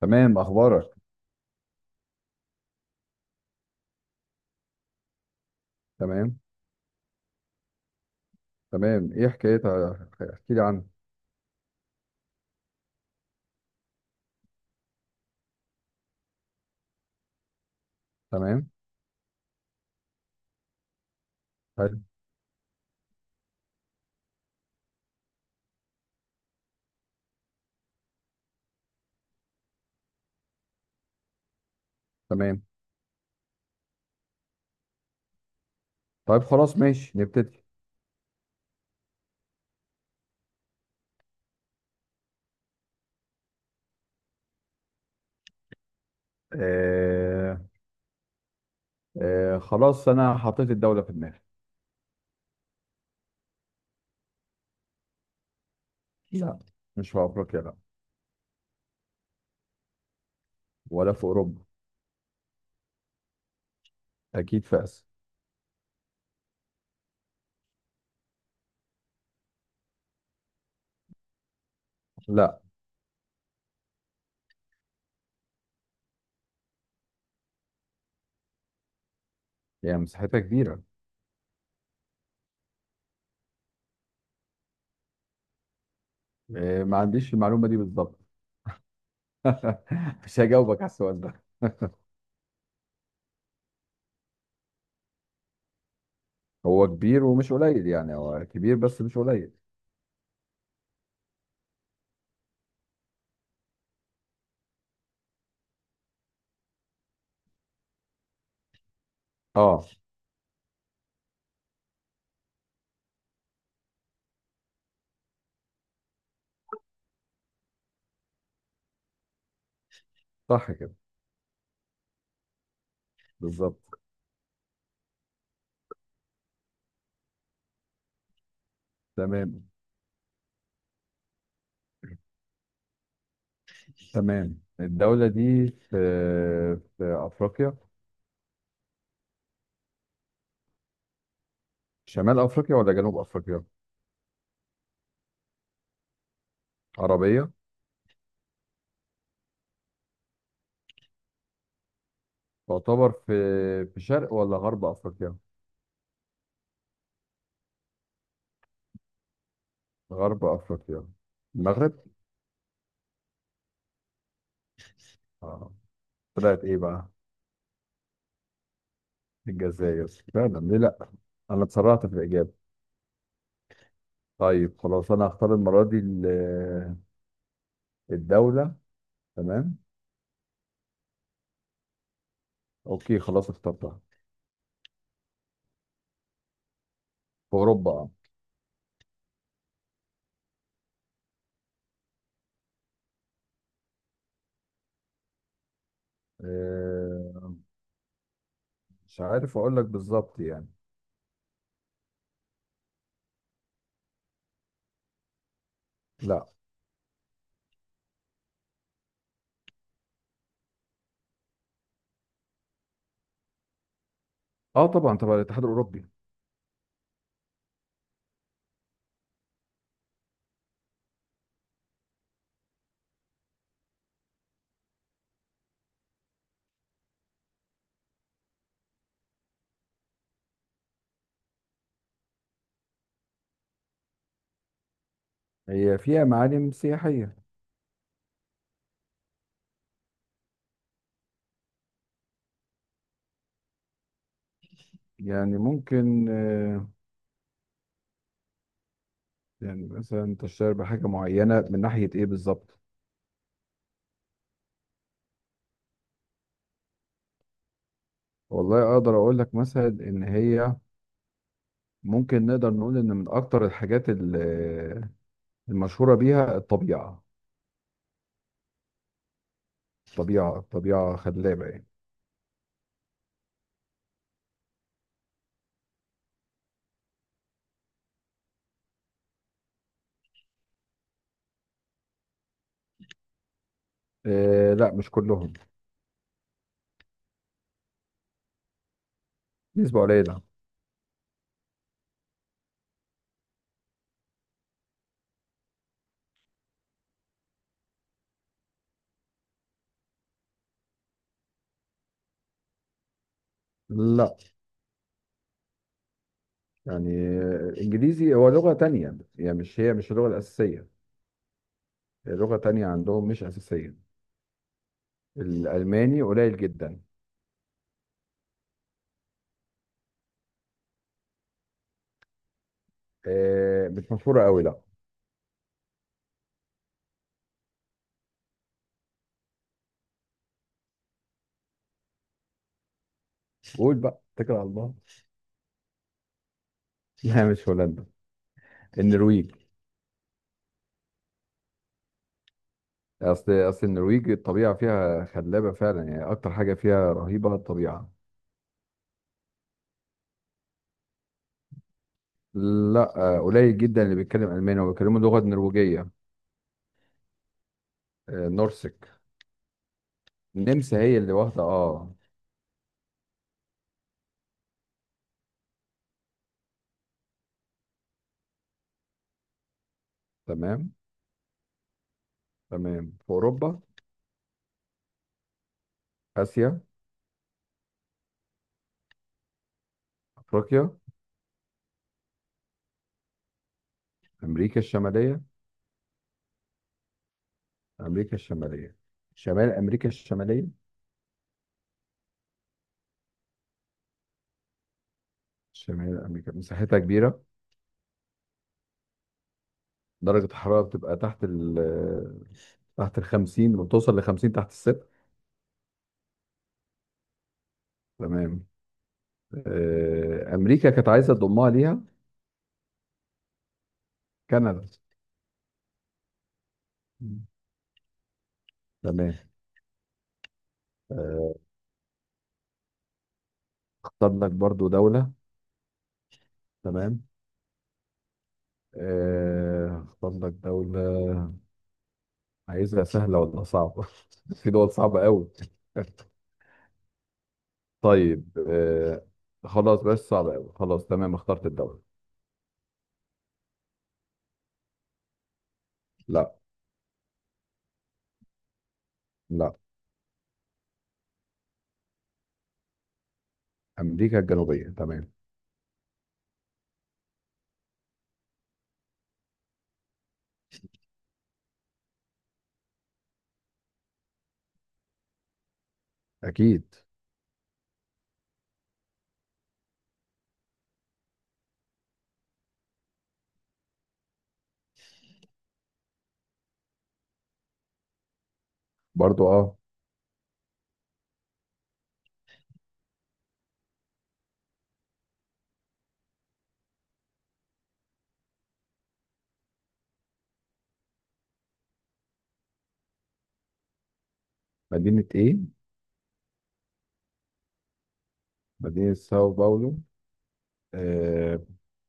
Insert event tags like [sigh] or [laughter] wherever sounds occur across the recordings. تمام. اخبارك؟ تمام. تمام، ايه حكايتها؟ احكي لي عنها. تمام. حلو. تمام. طيب، خلاص، ماشي، نبتدي. آه. آه، خلاص انا حطيت الدولة في دماغي. لا، مش في افريقيا، لا. ولا في اوروبا. اكيد في اسيا. لا، يعني مساحتها كبيرة. آه، ما عنديش المعلومة دي بالظبط. [laughs] مش هجاوبك على السؤال ده. هو كبير ومش قليل، يعني هو كبير بس مش قليل. اه، صح كده. بالظبط. تمام. تمام. الدولة دي في أفريقيا. شمال أفريقيا ولا جنوب أفريقيا؟ عربية. تعتبر في شرق ولا غرب أفريقيا؟ غرب أفريقيا. المغرب. آه. طلعت إيه بقى؟ الجزائر. فعلا، ليه لأ. أنا اتسرعت في الإجابة. طيب، خلاص، أنا هختار المرة دي الدولة. تمام. أوكي، خلاص، اخترتها. في أوروبا، آه. آه، مش عارف أقول لك بالظبط يعني. لأ. أه، طبعا، طبعا، الاتحاد الأوروبي. هي فيها معالم سياحية. يعني ممكن، يعني مثلا تشتهر بحاجة معينة من ناحية ايه بالظبط؟ والله اقدر اقول لك مثلا ان هي ممكن نقدر نقول ان من اكتر الحاجات المشهورة بيها الطبيعة. الطبيعة خلابة يعني. لا، مش كلهم. نسبة قليلة. لا. يعني الانجليزي هو لغة تانية، يعني مش اللغة الاساسية. هي لغة تانية عندهم، مش اساسية. الالماني قليل جدا. مش مشهورة قوي، لا. قول بقى، اتكل على الله. لا، مش هولندا. النرويج. اصل النرويج الطبيعه فيها خلابه فعلا، يعني اكتر حاجه فيها رهيبه الطبيعه. لا، قليل جدا اللي بيتكلم الماني، وبيتكلموا لغه نرويجيه. نورسك. النمسا هي اللي واخده، اه. تمام. تمام، في اوروبا. اسيا. افريقيا. امريكا الشماليه. امريكا الشماليه. شمال امريكا الشماليه. شمال امريكا مساحتها كبيره. درجه الحراره بتبقى تحت ال 50، بتوصل ل 50 تحت الصفر. تمام. امريكا كانت عايزه تضمها ليها. كندا. مم. تمام. آه، اختار لك برضو دوله. تمام. اختار لك دوله. عايزها سهله ولا صعبه؟ [laughs] في دول صعبه قوي. [laughs] طيب، خلاص، بس صعبه قوي، خلاص، تمام، اخترت الدوله. لا. لا. امريكا الجنوبيه. تمام. اكيد. برضو، اه. مدينه ايه؟ مدينه ساو باولو. آه،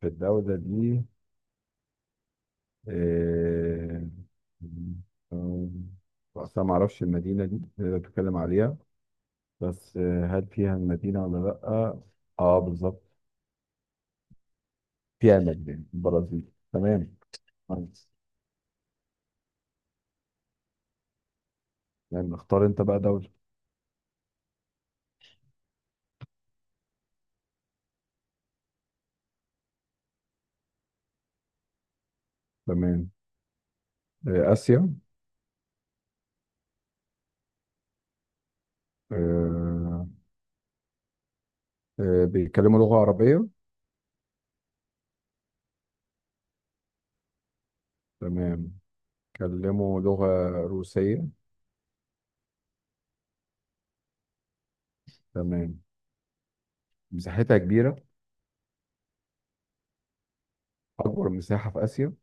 في الدوله دي، آه، آه، أصلا ما أعرفش المدينة دي اللي أنت بتتكلم عليها. بس هل فيها المدينة ولا لأ؟ أه، بالظبط. فيها المدينة، البرازيل. تمام. كويس. يعني اختار أنت بقى دولة. تمام. آسيا؟ آه، بيتكلموا لغة عربية؟ تمام. بيتكلموا لغة روسية؟ تمام. مساحتها كبيرة؟ أكبر مساحة في آسيا؟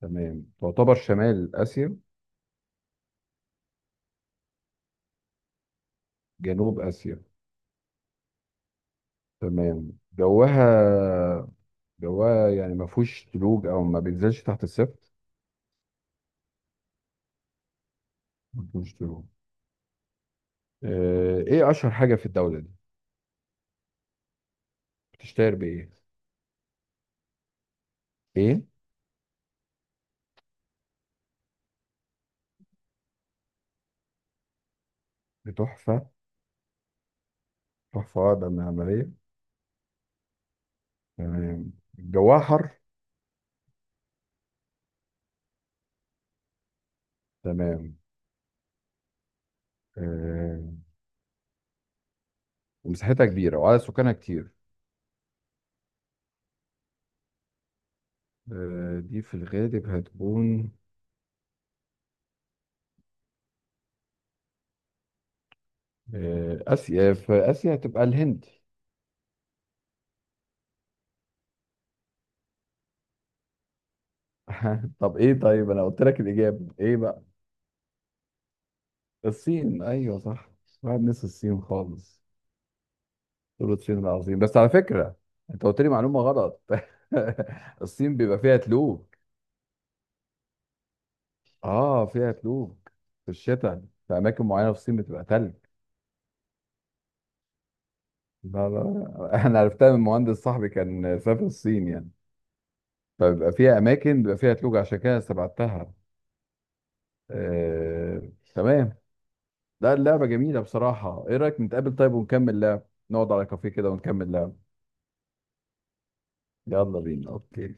تمام. تعتبر شمال آسيا؟ جنوب آسيا. تمام. جواها. جواها يعني ما فيهوش تلوج، او ما بينزلش تحت الصفر؟ ما فيهوش تلوج. ايه اشهر حاجه في الدوله دي؟ بتشتهر بايه؟ ايه؟ بتحفه؟ تحفه، ده من عمليه. تمام. جواها حر؟ تمام. آه، ومساحتها كبيره وعدد سكانها كتير. دي في الغالب هتكون، اسيا، في اسيا هتبقى الهند. [laughs] طب ايه؟ طيب، انا قلت لك الاجابه ايه بقى؟ الصين، ايوه، صح. واحد نسي الصين خالص. دول الصين العظيم، بس على فكرة، انت قلت لي معلومة غلط. [laughs] الصين بيبقى فيها تلوج. اه، فيها تلوج. في الشتاء. في اماكن معينة في الصين بتبقى تلج. لا، لا، لا. [laughs] انا عرفتها من مهندس صاحبي كان سافر الصين يعني. فبيبقى فيها اماكن بيبقى فيها تلوج، عشان كده استبعدتها. تمام. لا، اللعبة جميلة بصراحة. ايه رأيك نتقابل طيب ونكمل لعب؟ نقعد على كافيه كده ونكمل لعب. يلا بينا. اوكي.